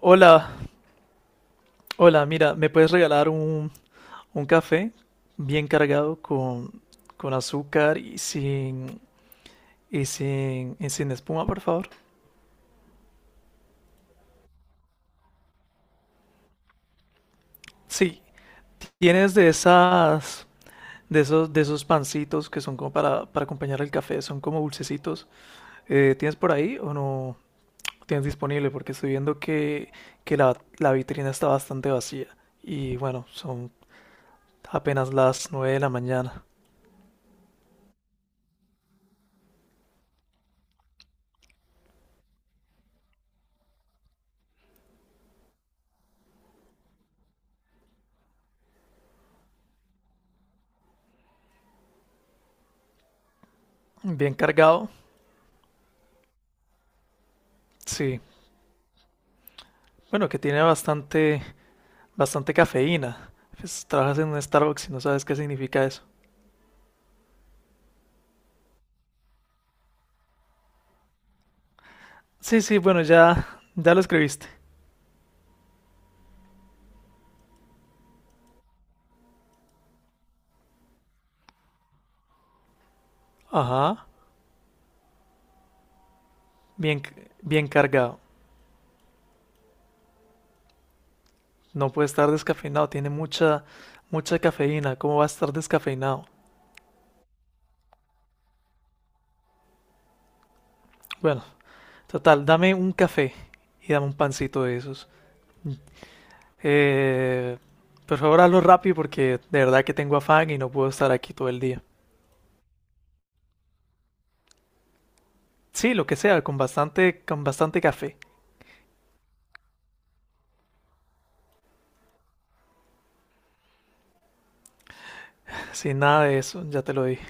Hola, mira, ¿me puedes regalar un café bien cargado con azúcar y sin, y sin espuma, por favor? Sí, tienes de esas, de esos pancitos que son como para acompañar el café, son como dulcecitos. ¿Tienes por ahí o no tienes disponible? Porque estoy viendo que la vitrina está bastante vacía. Y bueno, son apenas las 9 de la mañana. Bien cargado, sí. Bueno, que tiene bastante cafeína. Pues, trabajas en un Starbucks y no sabes qué significa eso. Sí, sí, bueno, ya lo escribiste. Ajá, bien, bien cargado. No puede estar descafeinado, tiene mucha cafeína. ¿Cómo va a estar descafeinado? Bueno, total, dame un café y dame un pancito de esos. Eh, por favor, hazlo rápido porque de verdad que tengo afán y no puedo estar aquí todo el día. Sí, lo que sea, con bastante café. Sin nada de eso, ya te lo dije.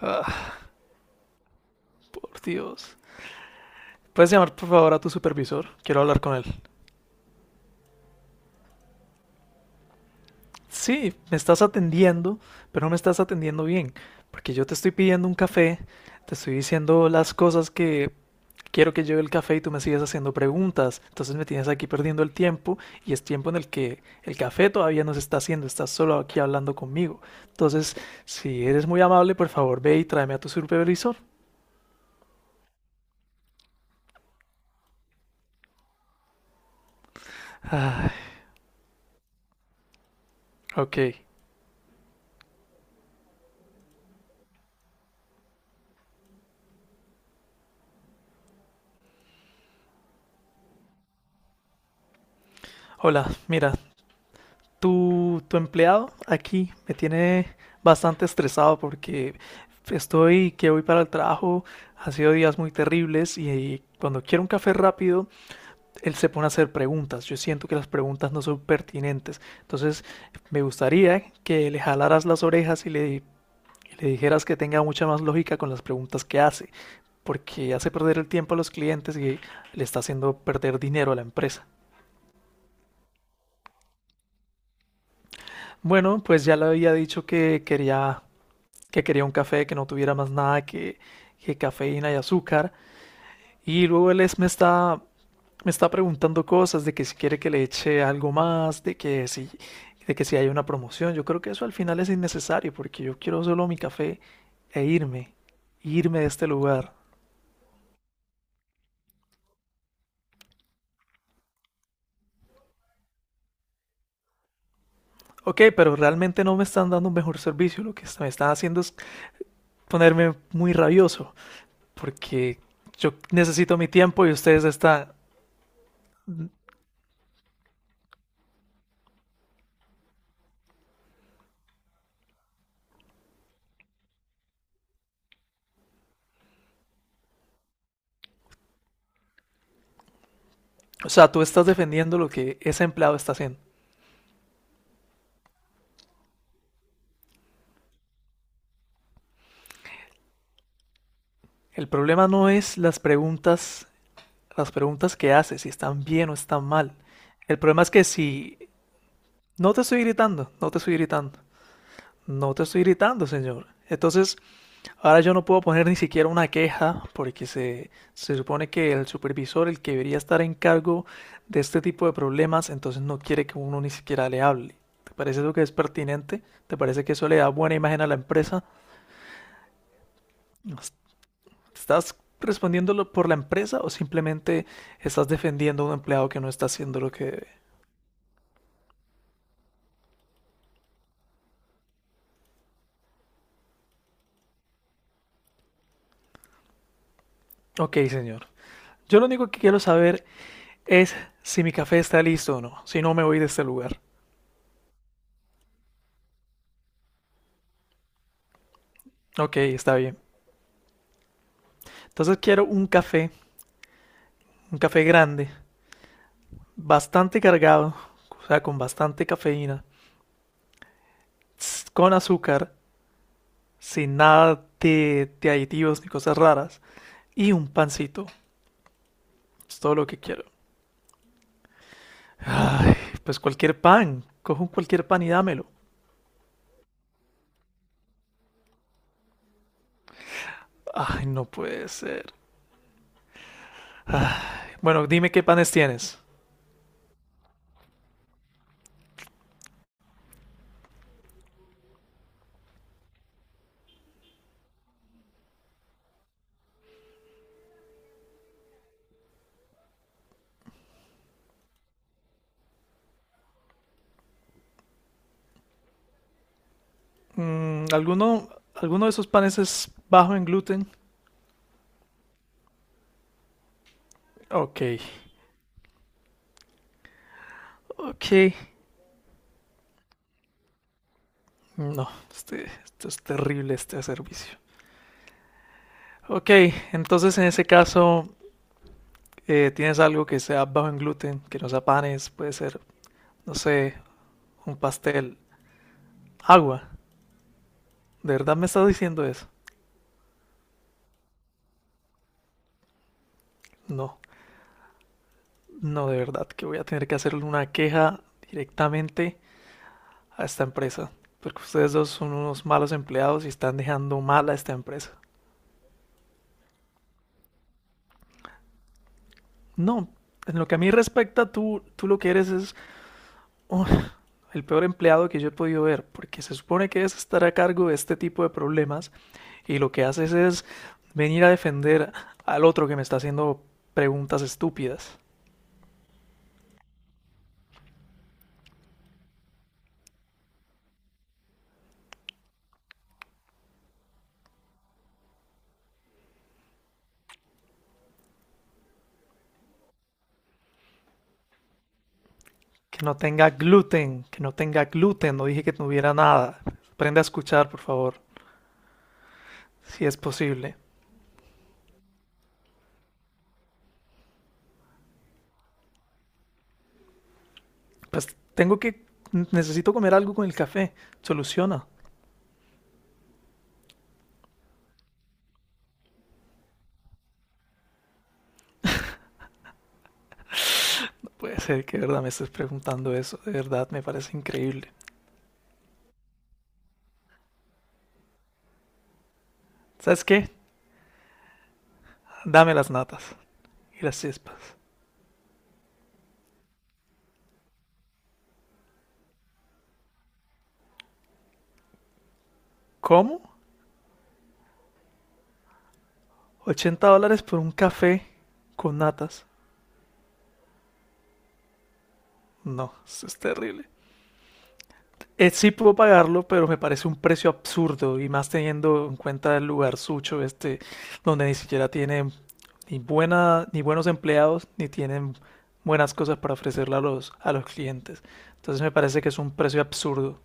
Ah, por Dios. ¿Puedes llamar por favor a tu supervisor? Quiero hablar con él. Sí, me estás atendiendo, pero no me estás atendiendo bien, porque yo te estoy pidiendo un café, te estoy diciendo las cosas que quiero que lleve el café y tú me sigues haciendo preguntas. Entonces me tienes aquí perdiendo el tiempo y es tiempo en el que el café todavía no se está haciendo, estás solo aquí hablando conmigo. Entonces, si eres muy amable, por favor ve y tráeme a tu supervisor. Ah, ok. Hola, mira, tu empleado aquí me tiene bastante estresado porque estoy que voy para el trabajo, ha sido días muy terribles y cuando quiero un café rápido, él se pone a hacer preguntas. Yo siento que las preguntas no son pertinentes. Entonces, me gustaría que le jalaras las orejas y le dijeras que tenga mucha más lógica con las preguntas que hace, porque hace perder el tiempo a los clientes y le está haciendo perder dinero a la empresa. Bueno, pues ya le había dicho que que quería un café que no tuviera más nada que cafeína y azúcar. Y luego me está preguntando cosas de que si quiere que le eche algo más, de que si hay una promoción. Yo creo que eso al final es innecesario porque yo quiero solo mi café e irme de este lugar. Ok, pero realmente no me están dando un mejor servicio. Lo que me están haciendo es ponerme muy rabioso porque yo necesito mi tiempo y o sea, tú estás defendiendo lo que ese empleado está haciendo. El problema no es las preguntas que haces, si están bien o están mal. El problema es que si no te estoy gritando, no te estoy gritando, señor. Entonces, ahora yo no puedo poner ni siquiera una queja porque se supone que el supervisor, el que debería estar en cargo de este tipo de problemas, entonces no quiere que uno ni siquiera le hable. ¿Te parece eso que es pertinente? ¿Te parece que eso le da buena imagen a la empresa? ¿Estás respondiéndolo por la empresa o simplemente estás defendiendo a un empleado que no está haciendo lo que debe? Ok, señor. Yo lo único que quiero saber es si mi café está listo o no. Si no, me voy de este lugar. Ok, está bien. Entonces quiero un café grande, bastante cargado, o sea, con bastante cafeína, con azúcar, sin nada de aditivos ni cosas raras, y un pancito. Es todo lo que quiero. Ay, pues cualquier pan. Cojo un cualquier pan y dámelo. Ay, no puede ser. Bueno, dime qué panes tienes. Mm, ¿alguno de esos panes es bajo en gluten? Ok, ok. No, este, esto es terrible este servicio. Ok, entonces en ese caso, ¿tienes algo que sea bajo en gluten, que no sea panes? Puede ser, no sé, un pastel, agua. ¿De verdad me estás diciendo eso? No, no, de verdad, que voy a tener que hacerle una queja directamente a esta empresa, porque ustedes dos son unos malos empleados y están dejando mal a esta empresa. No, en lo que a mí respecta, tú lo que eres es oh, el peor empleado que yo he podido ver, porque se supone que es estar a cargo de este tipo de problemas y lo que haces es venir a defender al otro que me está haciendo preguntas estúpidas. Que no tenga gluten, que no tenga gluten, no dije que tuviera nada. Aprende a escuchar, por favor, si es posible. Pues tengo que, necesito comer algo con el café. Soluciona. No puede ser que de verdad me estés preguntando eso. De verdad, me parece increíble. ¿Sabes qué? Dame las natas y las chispas. ¿Cómo? ¿80 dólares por un café con natas? No, eso es terrible. Sí puedo pagarlo, pero me parece un precio absurdo y más teniendo en cuenta el lugar sucho este, donde ni siquiera tiene ni buena, ni buenos empleados, ni tienen buenas cosas para ofrecerle a los clientes. Entonces me parece que es un precio absurdo.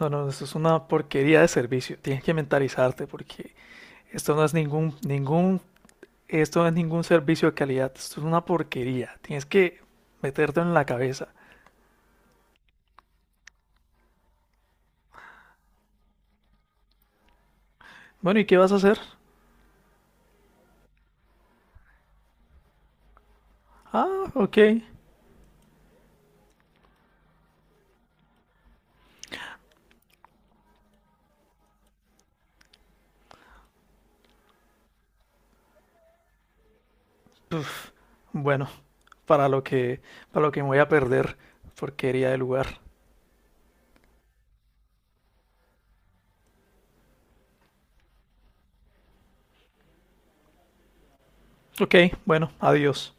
No, no, eso es una porquería de servicio. Tienes que mentalizarte porque esto no es ningún, ningún, esto no es ningún servicio de calidad. Esto es una porquería. Tienes que meterte en la cabeza. Bueno, ¿y qué vas a hacer? Ah, ok. Uf, bueno, para lo que, para lo que me voy a perder, porquería de lugar. Ok, bueno, adiós.